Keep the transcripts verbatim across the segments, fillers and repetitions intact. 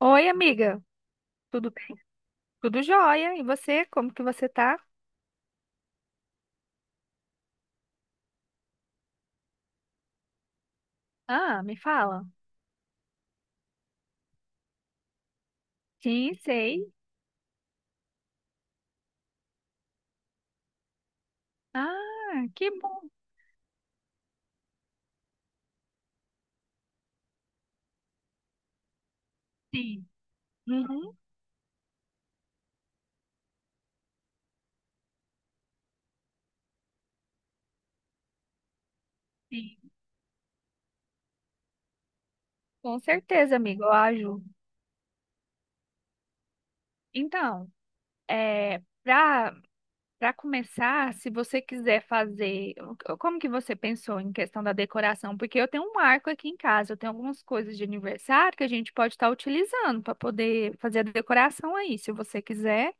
Oi, amiga. Tudo bem? Tudo jóia. E você? Como que você tá? Ah, me fala. Sim, sei. Ah, que bom. Sim. Uhum, sim. Com certeza, amiga. Eu ajudo. Então, é, para para começar, se você quiser fazer, o- como que você pensou em questão da decoração? Porque eu tenho um marco aqui em casa, eu tenho algumas coisas de aniversário que a gente pode estar utilizando para poder fazer a decoração aí, se você quiser.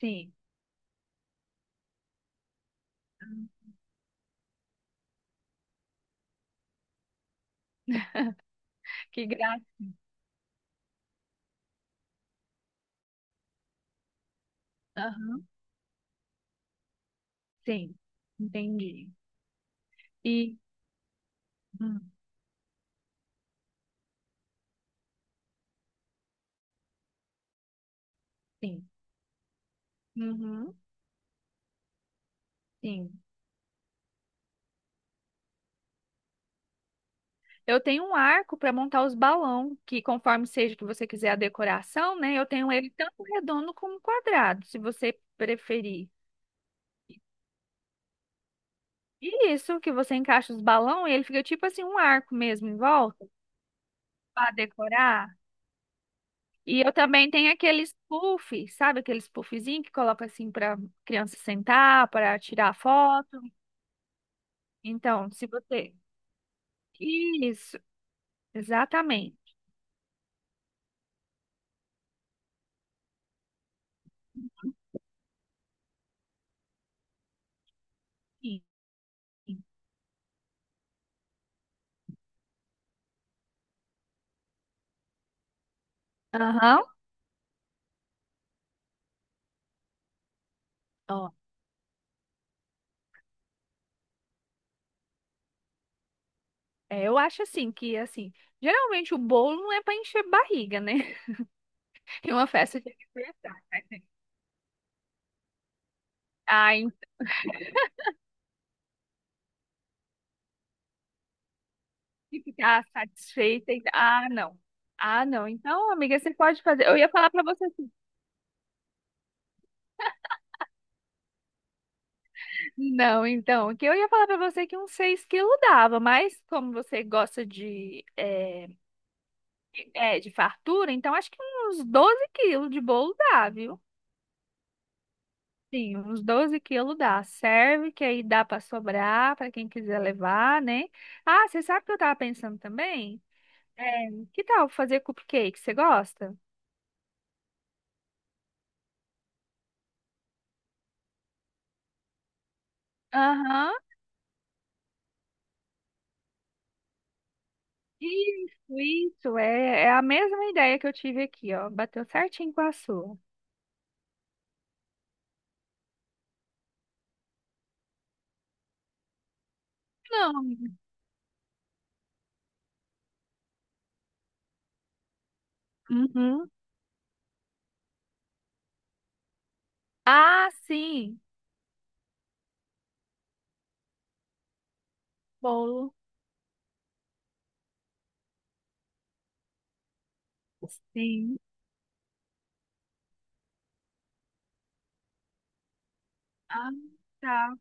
Sim. Que graça. Sim, entendi. E Hum. Sim, Uhum, sim. Eu tenho um arco para montar os balão, que conforme seja que você quiser a decoração, né? Eu tenho ele tanto redondo como quadrado, se você preferir. E isso que você encaixa os balão e ele fica tipo assim um arco mesmo em volta para decorar. E eu também tenho aqueles puff, sabe aqueles puffzinho que coloca assim para criança sentar, para tirar foto. Então, se você Isso, exatamente. Sim. Aham. Ó, é, eu acho assim que assim, geralmente o bolo não é para encher barriga, né? E uma festa tem que ser assim. Ai, tem que ficar satisfeita. E- tá, ah, não. Ah, não. Então, amiga, você pode fazer. Eu ia falar para você assim. Não, então, que eu ia falar para você que uns seis quilos dava, mas como você gosta de, é, é, de fartura, então acho que uns doze quilos de bolo dá, viu? Sim, uns doze quilos dá. Serve, que aí dá para sobrar para quem quiser levar, né? Ah, você sabe o que eu tava pensando também? É, que tal fazer cupcake? Você gosta? Aham. Isso, isso. É, é a mesma ideia que eu tive aqui, ó. Bateu certinho com a sua. Não, uhum. Ah, sim. Bolo. Sim. Ah, tá.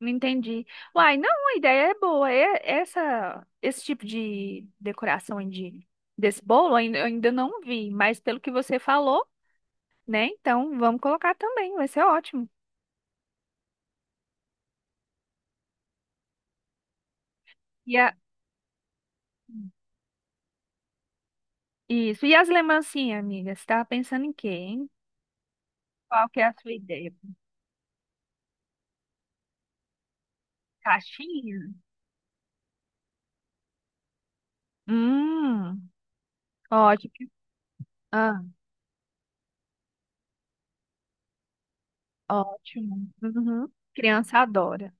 Entendi. Uai, não, a ideia é boa. É, essa, esse tipo de decoração aí de, desse bolo ainda- eu ainda não vi, mas pelo que você falou, né? Então vamos colocar também, vai ser ótimo. E a, isso. E as lembrancinhas, amiga? Você tava pensando em quê, hein? Qual que é a sua ideia? Caixinha? Hum, ótimo. Ah, ótimo. Uhum. Criança adora.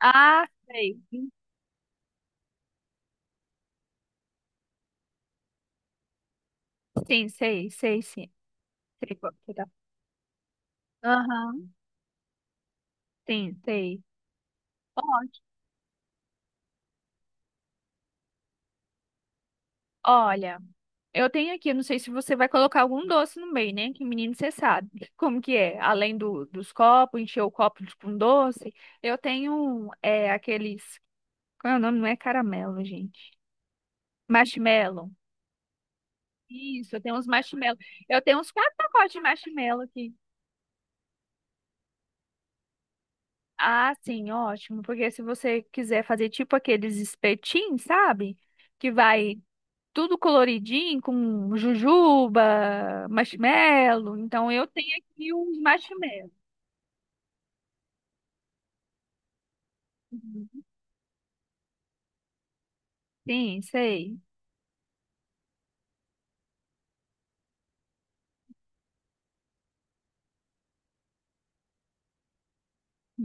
Ah, sei. Sim, sei, sei, sim. Sei qual que você tá. Aham, sim, sei. Ótimo. Olha, eu tenho aqui, eu não sei se você vai colocar algum doce no meio, né? Que menino, você sabe como que é. Além do, dos copos, encher o copo de- com doce, eu tenho um, é, aqueles... Qual é o nome? Não é caramelo, gente. Marshmallow. Isso, eu tenho uns marshmallow. Eu tenho uns quatro pacotes de marshmallow aqui. Ah, sim, ótimo. Porque se você quiser fazer tipo aqueles espetinhos, sabe? Que vai tudo coloridinho, com jujuba, marshmallow. Então eu tenho aqui uns marshmallows. Uhum. Sim, sei.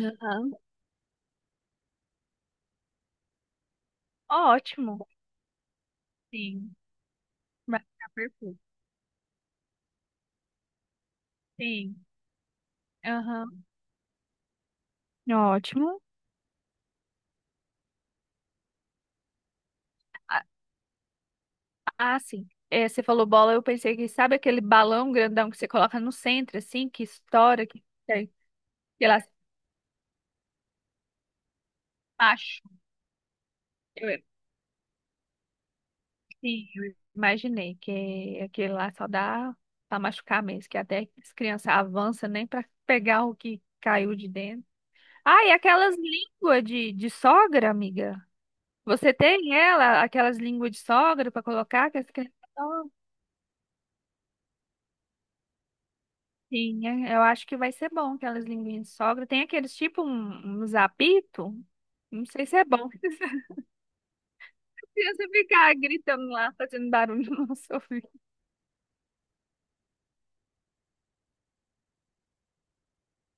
Aham. Ótimo. Sim, vai ficar perfeito. Sim, aham. Ótimo. Ah, ah, sim. É, você falou bola, eu pensei que sabe aquele balão grandão que você coloca no centro, assim, que estoura, que, sei lá, acho. Sim, eu imaginei que aquele lá só dá para machucar mesmo, que até as crianças avançam nem para pegar o que caiu de dentro. Ah, e aquelas línguas de, de sogra, amiga? Você tem ela, aquelas línguas de sogra para colocar que as crianças adoram? Sim, é, eu acho que vai ser bom aquelas linguinhas de sogra. Tem aqueles tipo um, uns apito, não sei se é bom. Criança ficar gritando lá, fazendo barulho no nosso ouvido.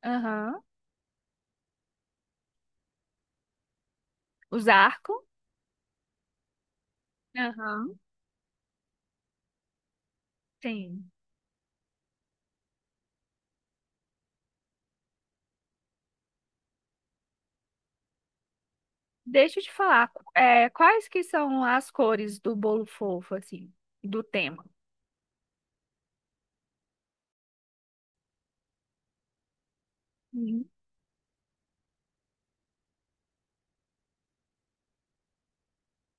Aham. Os arcos. Aham. Sim. Deixa eu te falar, é, quais que são as cores do bolo fofo, assim, do tema? Uhum.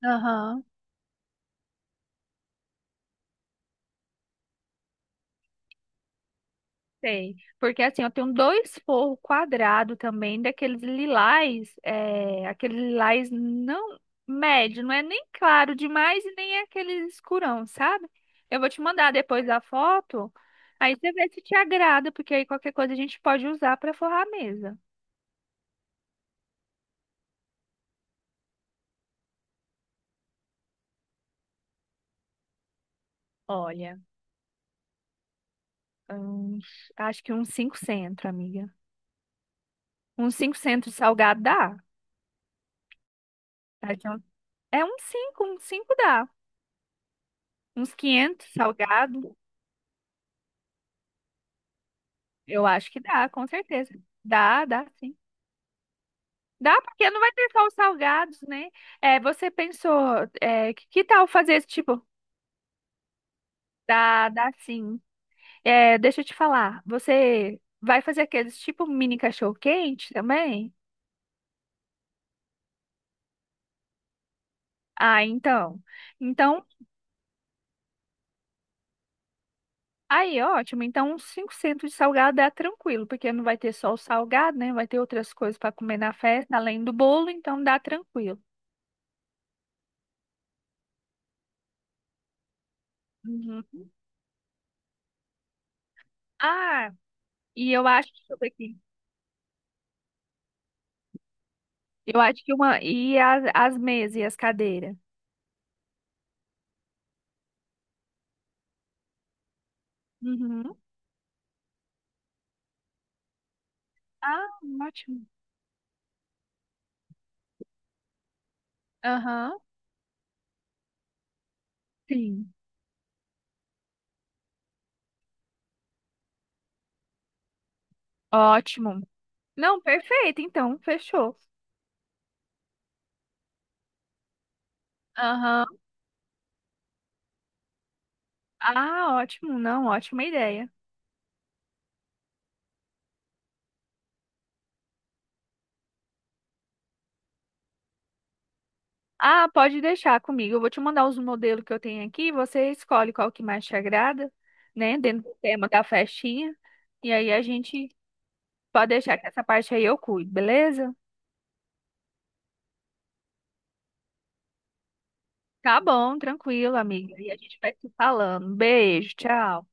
Aham. Sei, porque assim, eu tenho dois forros quadrados também, daqueles lilás, é, aquele lilás não médio, não é nem claro demais e nem é aquele escurão, sabe? Eu vou te mandar depois a foto, aí você vê se te agrada, porque aí qualquer coisa a gente pode usar para forrar a mesa. Olha, uns- acho que uns cinco centro, amiga. Uns quinhentos salgado dá. Tá? Então, é uns cinco uns cinco dá. Uns quinhentos salgado, eu acho que dá, com certeza. Dá, dá sim. Dá, porque não vai ter só os salgados, né? É, você pensou, é, que, que tal fazer esse tipo? Dá, dá sim. É, deixa eu te falar, você vai fazer aqueles tipo mini cachorro-quente também? Ah, então. Então, aí, ótimo. Então, uns cinco centos de salgado dá tranquilo, porque não vai ter só o salgado, né? Vai ter outras coisas para comer na festa, além do bolo, então dá tranquilo. Uhum. Ah, e eu acho, deixa eu ver aqui. Eu acho que uma. E as, as mesas e as cadeiras. Uhum. Ah, ótimo. Aham. Sim. Ótimo. Não, perfeito, então, fechou. Aham. Ah, ótimo. Não, ótima ideia. Ah, pode deixar comigo. Eu vou te mandar os modelos que eu tenho aqui. Você escolhe qual que mais te agrada, né? Dentro do tema da festinha. E aí a gente pode deixar que essa parte aí eu cuido, beleza? Tá bom, tranquilo, amiga. E a gente vai se falando. Beijo, tchau.